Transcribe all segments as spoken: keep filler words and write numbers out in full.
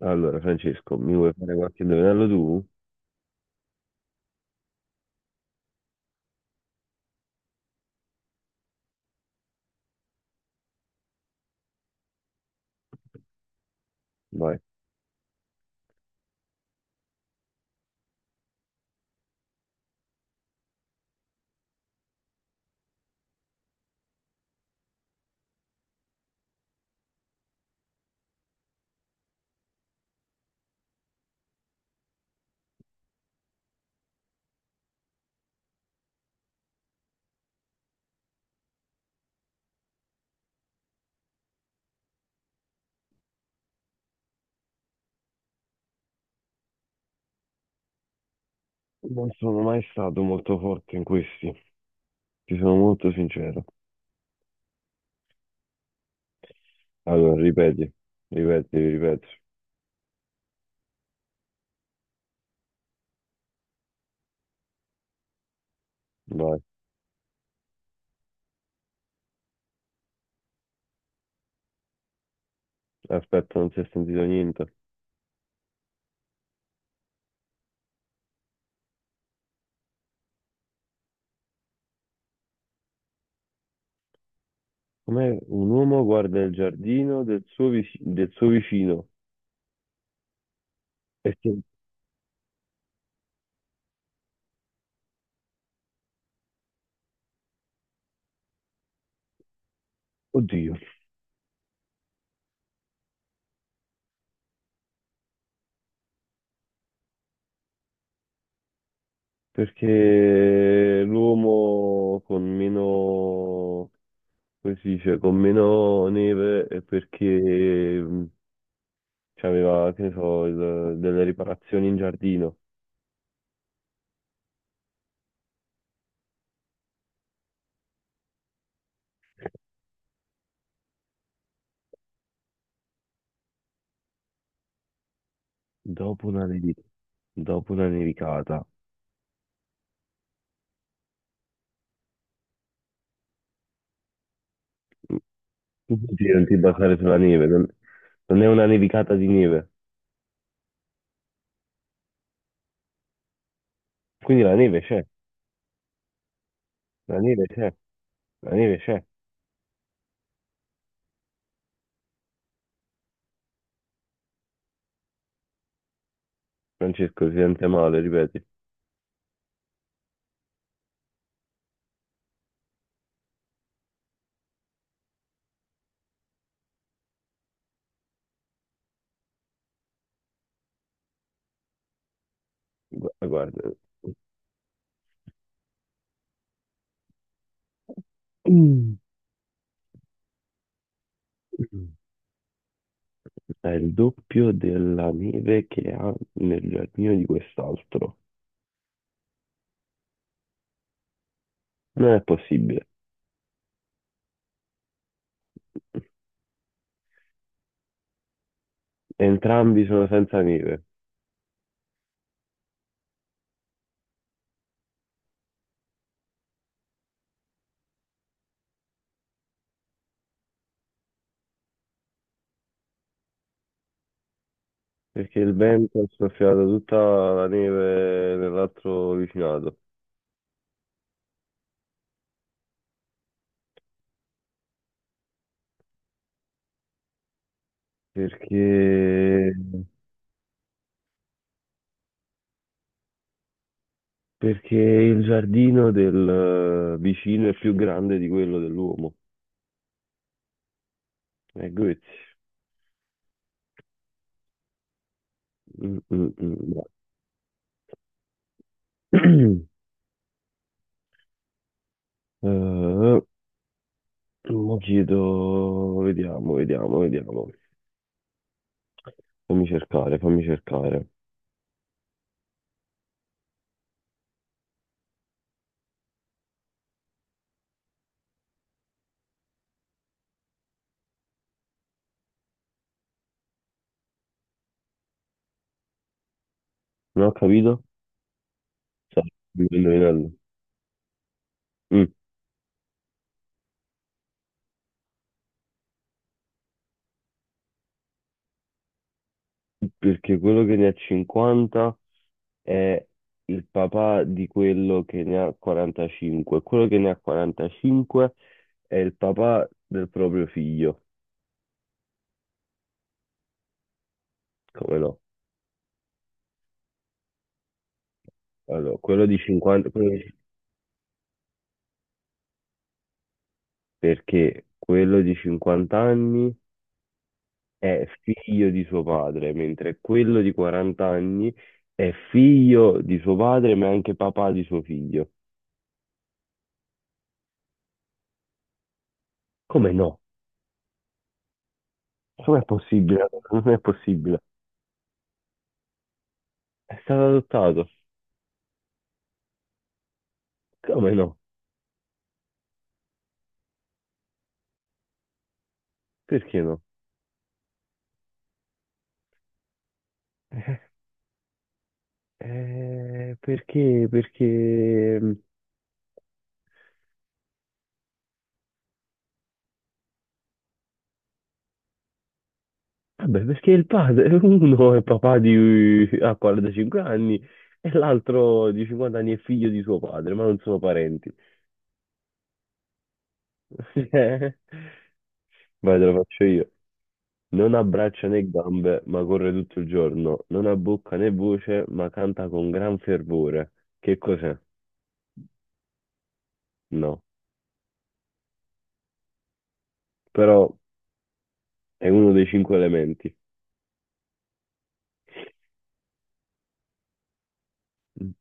Allora, Francesco, mi vuoi fare qualche indovinello tu? Vai. Non sono mai stato molto forte in questi, ti sono molto sincero. Allora, ripeti, ripeti, ripeti. Vai. Aspetta, non si è sentito niente. Com'è un uomo guarda il giardino del suo, vic- del suo vicino? E che- Oddio, perché l'uomo con meno, come si dice, con meno neve è perché c'aveva, che ne so, il- delle riparazioni in giardino. Dopo una, nevi- dopo una nevicata. Tu dici non ti basare sulla neve, non, non è una nevicata di neve. Quindi la neve c'è, la neve c'è, la neve c'è. Francesco si sente male, ripeti. Gu- Guarda. Mm. È il doppio della neve che ha nel giardino di quest'altro. Non è possibile. Entrambi sono senza neve, perché il vento ha soffiato tutta la neve nell'altro vicinato. Perché, perché il giardino del eh, vicino è più grande di quello dell'uomo. E Goethe. Mm, mm, mm, bravo. Eh, mo chiedo, vediamo, vediamo, vediamo. Fammi cercare, fammi cercare. Non ho capito? Sai, mi sto indovinando. Mm, Perché quello che ne ha cinquanta è il papà di quello che ne ha quarantacinque. Quello che ne ha quarantacinque è il papà del proprio figlio. Come no? Allora, quello di cinquanta, quello di- perché quello di cinquanta anni è figlio di suo padre, mentre quello di quaranta anni è figlio di suo padre, ma è anche papà di suo figlio. Come no? Com'è possibile? Non è possibile. È stato adottato. Come no? Perché no? Eh, perché? Perché? Vabbè, perché il padre, uno è papà di, ha quarantacinque anni e l'altro di cinquanta anni è figlio di suo padre, ma non sono parenti. Cioè, vai, te lo faccio io. Non ha braccia né gambe, ma corre tutto il giorno. Non ha bocca né voce, ma canta con gran fervore. Che cos'è? No. Però è uno dei cinque elementi.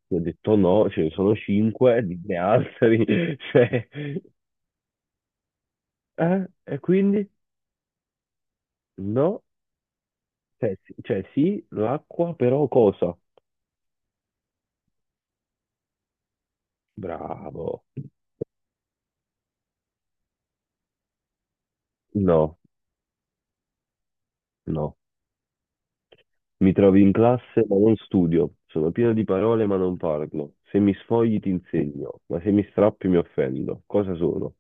Ho detto no, ce ne sono cinque, di altri. Cioè, eh? E quindi? No. Cioè, sì- cioè, sì, l'acqua, però cosa? Bravo. No, no. Mi trovi in classe ma non studio. Sono pieno di parole ma non parlo. Se mi sfogli ti insegno, ma se mi strappi mi offendo. Cosa sono?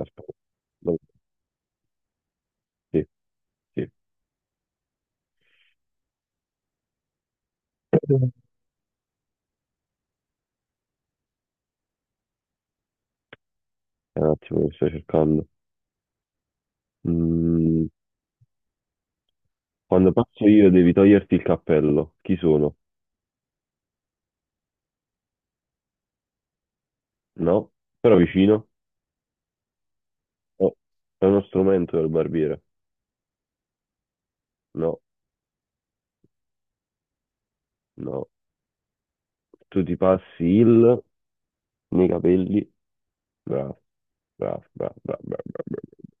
Aspetta. No, sì, sì. Eh, Un attimo che sto cercando. Mm, quando passo io devi toglierti il cappello. Chi sono? No. Però vicino? No. È uno strumento del barbiere. No, no. Tu ti passi il nei capelli. Bravo, bravo, bravo, bravo, bravo, bravo. Bravo.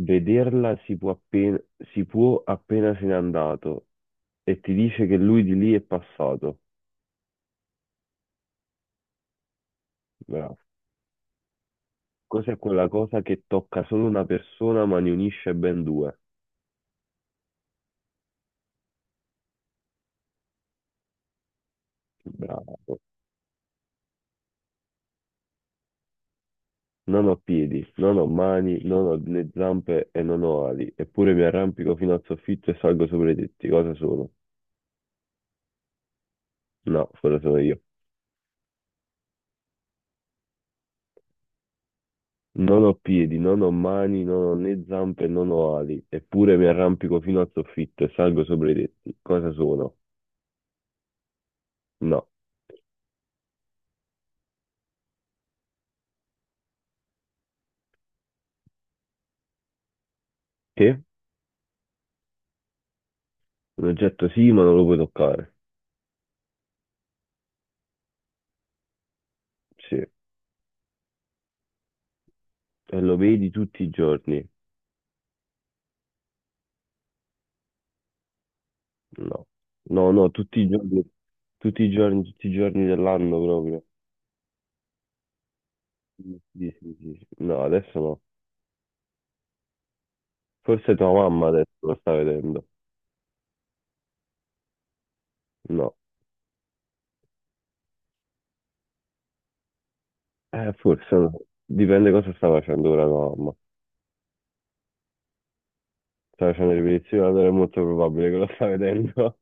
Vederla si può appena, si può appena se n'è andato e ti dice che lui di lì è passato. Bravo. Cos'è quella cosa che tocca solo una persona ma ne unisce ben due? Bravo. Non ho piedi, non ho mani, non ho né zampe e non ho ali, eppure mi arrampico fino al soffitto e salgo sopra i tetti. Cosa sono? No, quello sono io. Non ho piedi, non ho mani, non ho né zampe, non ho ali, eppure mi arrampico fino al soffitto e salgo sopra i tetti. Cosa sono? No. Che? Un oggetto sì, ma non lo puoi toccare. Sì. E lo vedi tutti i giorni? No. No, no, tutti i giorni, tutti i giorni, tutti i giorni dell'anno proprio. Sì, sì, sì, sì. No, adesso no. Forse tua mamma adesso lo sta vedendo. No. Eh, forse no. Dipende cosa sta facendo ora tua mamma. Sta facendo ripetizione, allora è molto probabile che lo sta vedendo.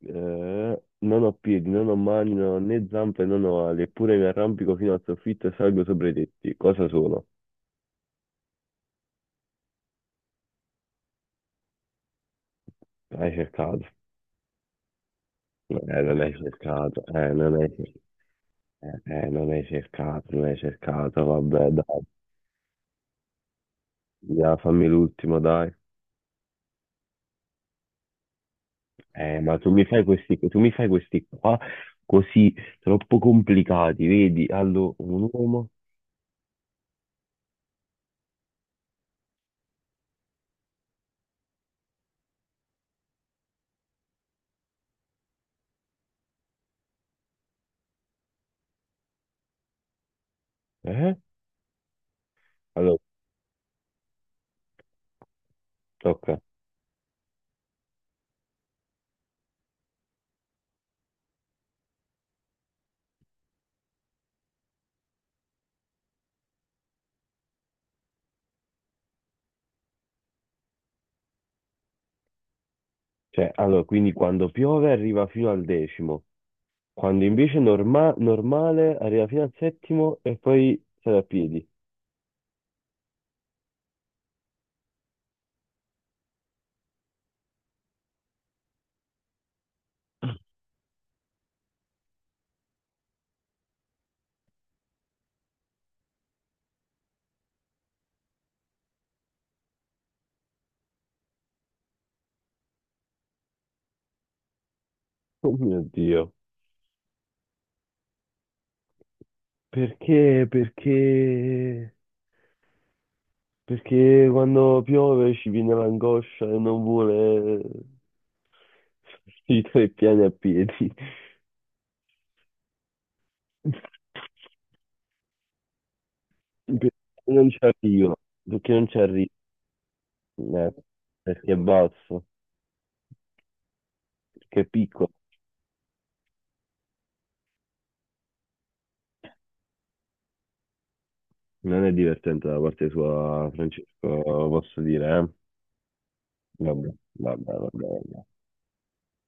Eh, non ho piedi, non ho mani, non ho né zampe, non ho ali, eppure mi arrampico fino al soffitto e salgo sopra i tetti. Cosa sono? Hai cercato. Eh, non hai cercato, eh, non hai cercato, eh, eh, non hai cercato, non hai cercato, vabbè, dai, via, fammi l'ultimo, dai. Eh, ma tu mi fai questi, tu mi fai questi qua così troppo complicati, vedi? Allora, un uomo, eh? Allora, tocca. Cioè, allora, quindi quando piove arriva fino al decimo. Quando invece norma- normale arriva fino al settimo e poi sale a piedi. Oh mio Dio. Perché? Perché? Perché quando piove ci viene l'angoscia e non vuole i tre piani a piedi. Perché non ci arrivo. Perché non ci arrivo. Eh, perché è basso, perché è piccolo. Non è divertente da parte sua, Francesco, posso dire, eh? Vabbè, vabbè, vabbè. Vabbè.